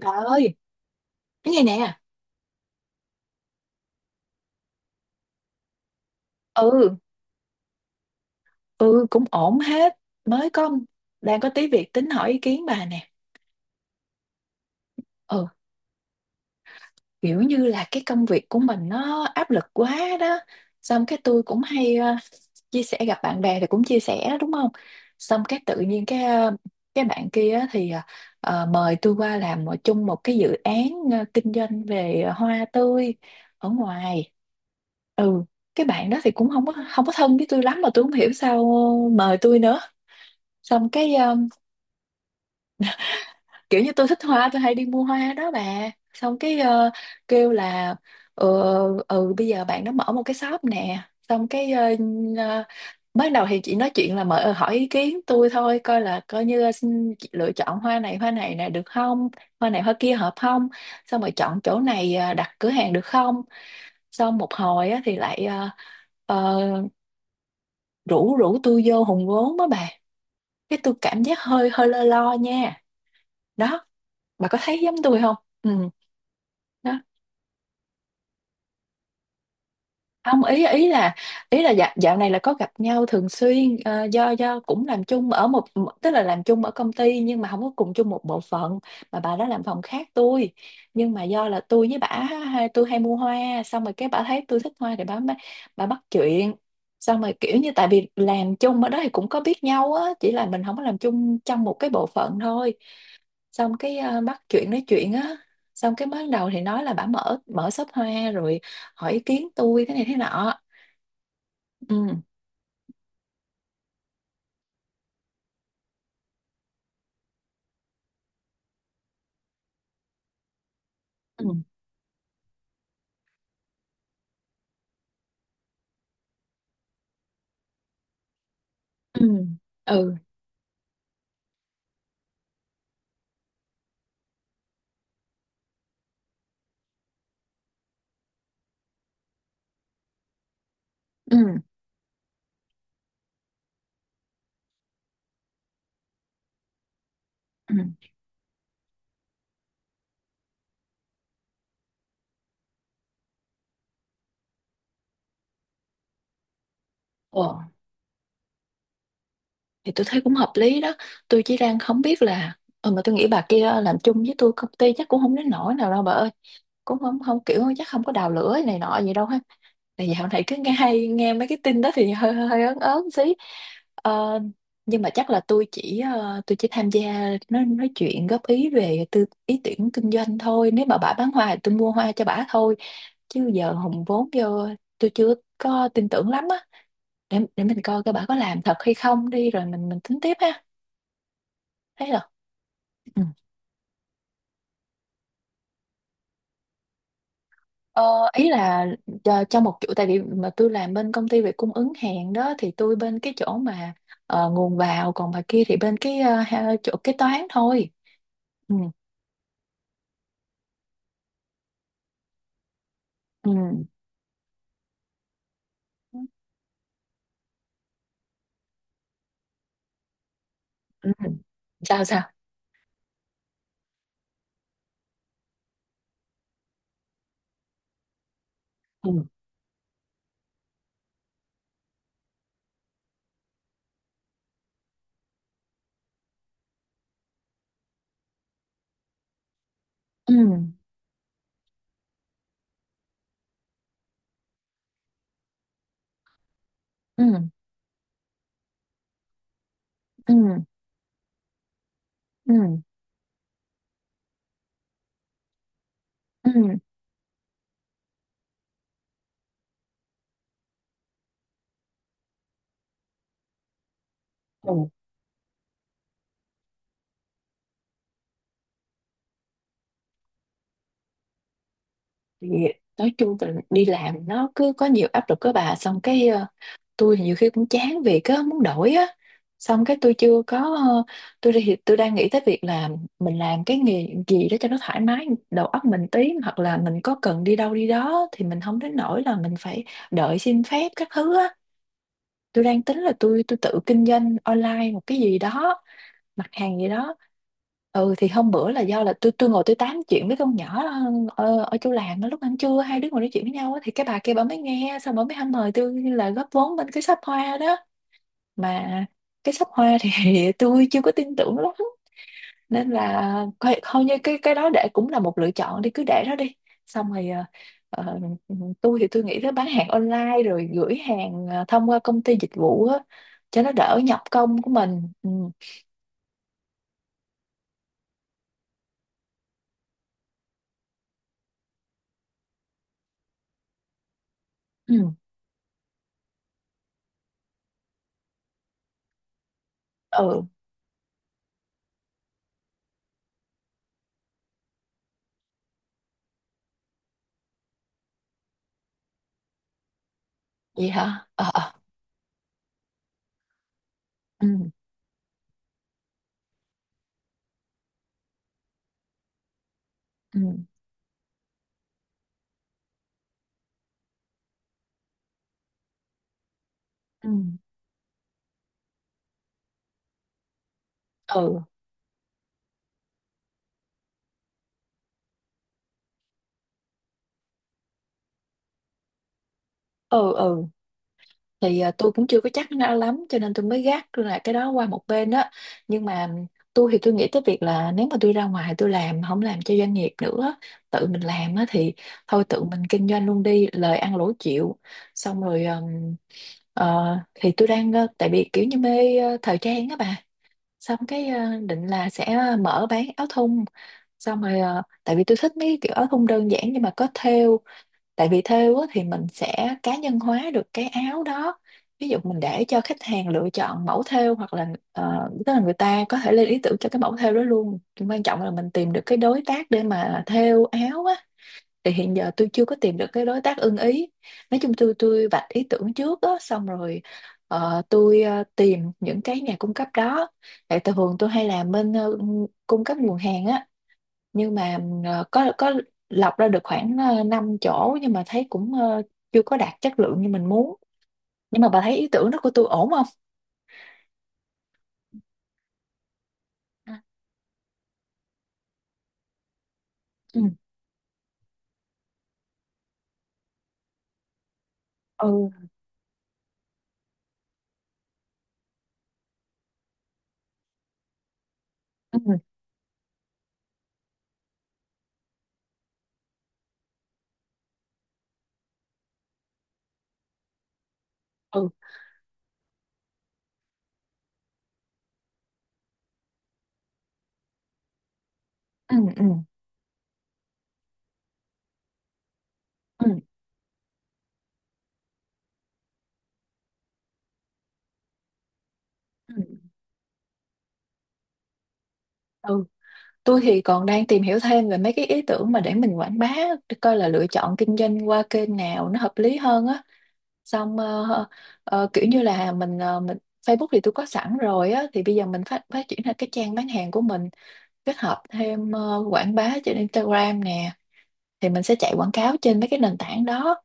Bà ơi, cái này nè. ừ ừ, cũng ổn hết. Mới có Đang có tí việc tính hỏi ý kiến bà nè. Ừ, kiểu như là cái công việc của mình nó áp lực quá đó, xong cái tôi cũng hay chia sẻ, gặp bạn bè thì cũng chia sẻ đó, đúng không? Xong cái tự nhiên cái bạn kia á thì mời tôi qua làm chung một cái dự án kinh doanh về hoa tươi ở ngoài. Ừ, cái bạn đó thì cũng không có thân với tôi lắm mà tôi không hiểu sao mời tôi nữa. Xong kiểu như tôi thích hoa, tôi hay đi mua hoa đó bà. Xong kêu là, ừ, ừ bây giờ bạn nó mở một cái shop nè. Xong ờ, ban đầu thì chị nói chuyện là mở hỏi ý kiến tôi thôi, coi là coi như là xin chị lựa chọn hoa này nè được không, hoa này hoa kia hợp không, xong rồi chọn chỗ này đặt cửa hàng được không. Xong một hồi á, thì lại ờ, rủ rủ tôi vô hùn vốn đó bà. Cái tôi cảm giác hơi hơi lo lo nha. Đó, bà có thấy giống tôi không? Ừ. Đó, không, ý ý là dạo, dạo này là có gặp nhau thường xuyên, do cũng làm chung ở một, tức là làm chung ở công ty nhưng mà không có cùng chung một bộ phận, mà bà đó làm phòng khác tôi. Nhưng mà do là tôi với bả tôi hay mua hoa, xong rồi cái bả thấy tôi thích hoa thì bả bắt chuyện. Xong rồi kiểu như tại vì làm chung ở đó thì cũng có biết nhau á, chỉ là mình không có làm chung trong một cái bộ phận thôi. Xong bắt chuyện nói chuyện á, xong cái mới đầu thì nói là bả mở mở shop hoa rồi hỏi ý kiến tôi thế này thế nọ. Ừ. Ừ. Ừ. Ừ. Ừ. Ừ. Thì tôi thấy cũng hợp lý đó, tôi chỉ đang không biết là, ừ, mà tôi nghĩ bà kia làm chung với tôi công ty chắc cũng không đến nỗi nào đâu bà ơi. Cũng không không kiểu chắc không có đào lửa này nọ gì đâu ha. Tại dạo này cứ nghe hay nghe mấy cái tin đó thì hơi hơi ớn ớn xí. Ờ, nhưng mà chắc là tôi chỉ tham gia nói chuyện góp ý về ý tưởng kinh doanh thôi, nếu mà bà bán hoa thì tôi mua hoa cho bà thôi, chứ giờ hùng vốn vô tôi chưa có tin tưởng lắm á. Để mình coi coi bà có làm thật hay không đi rồi mình tính tiếp ha. Thấy rồi. Ừ. Ờ, ý là cho một chỗ, tại vì mà tôi làm bên công ty về cung ứng hàng đó, thì tôi bên cái chỗ mà nguồn vào, còn bà kia thì bên chỗ kế toán thôi. Ừ. Ừ. Ừ. Sao sao? Ừ. Ừ. Ừ. Ừ. Ừ. Ừ. Ừ. Thì nói chung là đi làm nó cứ có nhiều áp lực các bà. Xong tôi nhiều khi cũng chán việc á, muốn đổi á. Xong cái tôi chưa có ờ, tôi đang nghĩ tới việc là mình làm cái nghề gì đó cho nó thoải mái đầu óc mình tí, hoặc là mình có cần đi đâu đi đó thì mình không đến nỗi là mình phải đợi xin phép các thứ á. Tôi đang tính là tôi tự kinh doanh online một cái gì đó, mặt hàng gì đó. Ừ, thì hôm bữa là do là tôi ngồi tôi tám chuyện với con nhỏ ở, ở chỗ làm đó, lúc ăn trưa hai đứa ngồi nói chuyện với nhau á, thì cái bà kia bà mới nghe, xong bà mới hăm mời tôi là góp vốn bên cái shop hoa đó. Mà cái shop hoa thì tôi chưa có tin tưởng lắm, nên là coi như cái đó để cũng là một lựa chọn, đi cứ để đó đi. Xong rồi ờ, tôi thì tôi nghĩ tới bán hàng online rồi gửi hàng thông qua công ty dịch vụ á, cho nó đỡ nhọc công của mình. Ừ. Ừ. Vậy hả? Ờ ờ. Ừ. Ừ. Ừ. Ừ. Ừ. Ừ. Thì à, tôi cũng chưa có chắc nó lắm cho nên tôi mới gác là cái đó qua một bên đó. Nhưng mà tôi thì tôi nghĩ tới việc là nếu mà tôi ra ngoài tôi làm không làm cho doanh nghiệp nữa, tự mình làm á, thì thôi tự mình kinh doanh luôn đi, lời ăn lỗ chịu. Xong rồi ờ, thì tại vì kiểu như mê thời trang á bà. Xong định là sẽ mở bán áo thun, xong rồi tại vì tôi thích mấy cái kiểu áo thun đơn giản nhưng mà có thêu. Tại vì thêu á, thì mình sẽ cá nhân hóa được cái áo đó, ví dụ mình để cho khách hàng lựa chọn mẫu thêu, hoặc là tức là người ta có thể lên ý tưởng cho cái mẫu thêu đó luôn. Nhưng quan trọng là mình tìm được cái đối tác để mà thêu áo á, thì hiện giờ tôi chưa có tìm được cái đối tác ưng ý. Nói chung tôi vạch ý tưởng trước á, xong rồi tìm những cái nhà cung cấp đó. Tại thường tôi hay làm bên cung cấp nguồn hàng á, nhưng mà có lọc ra được khoảng 5 chỗ, nhưng mà thấy cũng chưa có đạt chất lượng như mình muốn. Nhưng mà bà thấy ý tưởng đó của tôi ổn không? Ừ. Ừ. Ừ. Ừ. Ừ. Ừ. Ừ. Ừ. Ừ. Tôi thì còn đang tìm hiểu thêm về mấy cái ý tưởng mà để mình quảng bá, để coi là lựa chọn kinh doanh qua kênh nào nó hợp lý hơn á. Xong kiểu như là mình ờ, mình Facebook thì tôi có sẵn rồi á, thì bây giờ mình phát phát triển ra cái trang bán hàng của mình, kết hợp thêm quảng bá trên Instagram nè, thì mình sẽ chạy quảng cáo trên mấy cái nền tảng đó.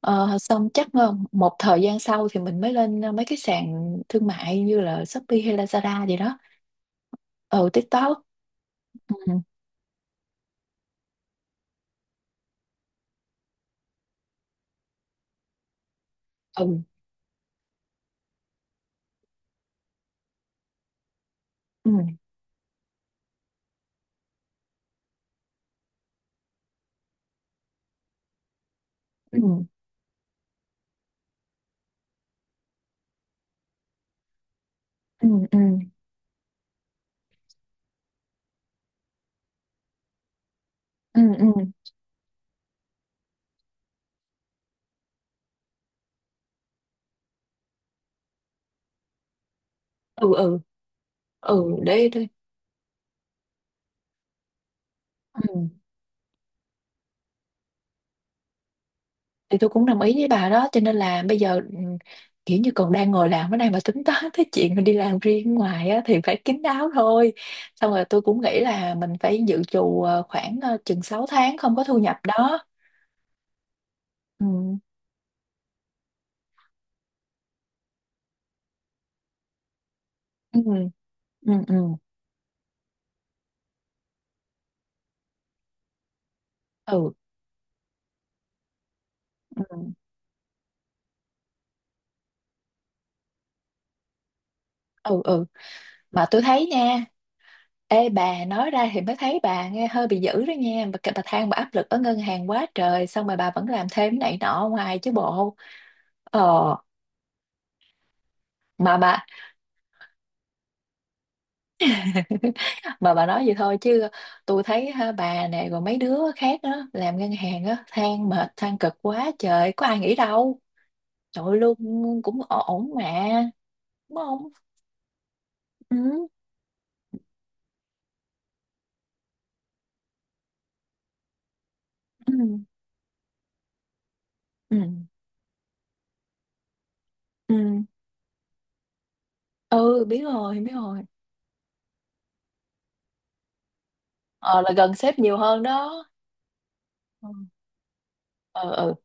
Ờ, xong chắc một thời gian sau thì mình mới lên mấy cái sàn thương mại như là Shopee hay Lazada gì đó. Ừ, TikTok. Ừ. Ừ. Ừ. Ừ. Ừ. Ừ. Ừ. Ừ. Ừ. Ừ, ừ, để. Ừ. Thì tôi cũng đồng ý với bà đó, cho nên là bây giờ ừ, kiểu như còn đang ngồi làm ở đây mà tính toán tới chuyện mà đi làm riêng ngoài á, thì phải kín đáo thôi. Xong rồi tôi cũng nghĩ là mình phải dự trù khoảng chừng 6 tháng không có thu nhập đó. Ừ. Ừ. Ừ. Ừ. Ừ. Ừ. Ừ. Ừ. Mà tôi thấy nha, ê bà nói ra thì mới thấy bà nghe hơi bị dữ đó nha bà than bà áp lực ở ngân hàng quá trời xong rồi bà vẫn làm thêm cái này nọ ở ngoài chứ bộ. Ờ, mà bà mà bà nói vậy thôi chứ tôi thấy ha, bà nè rồi mấy đứa khác á làm ngân hàng á than mệt than cực quá trời, có ai nghĩ đâu. Trời ơi, lương cũng ổn ổn mà, đúng không? Ừ. Ừ. Ừ. Ừ. Ừ, biết rồi biết rồi. Ờ là gần sếp nhiều hơn đó. Ừ. Ừ. Ừ.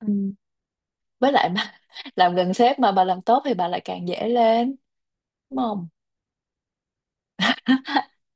Ừ. Với lại mà làm gần sếp mà bà làm tốt thì bà lại càng dễ lên, đúng không?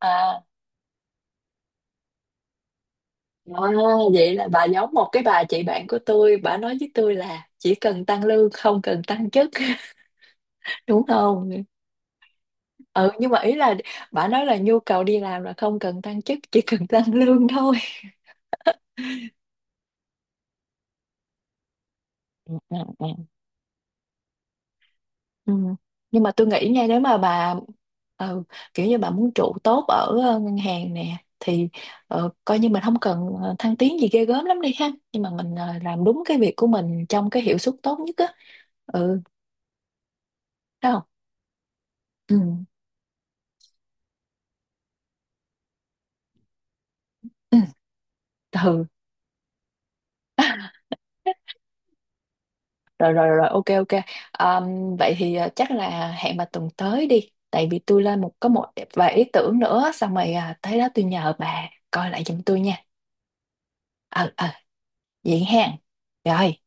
À. À, vậy là bà giống một cái bà chị bạn của tôi, bà nói với tôi là chỉ cần tăng lương không cần tăng chức đúng không? Ừ, nhưng mà ý là bà nói là nhu cầu đi làm là không cần tăng chức, chỉ cần tăng lương thôi. Ừ, ừ, ừ. Ừ. Nhưng mà tôi nghĩ nha, nếu mà bà ừ, kiểu như bà muốn trụ tốt ở ngân hàng nè, thì coi như mình không cần thăng tiến gì ghê gớm lắm đi ha, nhưng mà làm đúng cái việc của mình trong cái hiệu suất tốt nhất á. Ừ. Thấy không? Ừ. Ừ. Ừ. Rồi rồi rồi, ok ok. Ờm, vậy thì à, chắc là hẹn bà tuần tới đi, tại vì tôi lên một có một vài ý tưởng nữa, xong rồi à, tới đó tôi nhờ bà coi lại giùm tôi nha. Ờ ờ. Vậy ha. Rồi.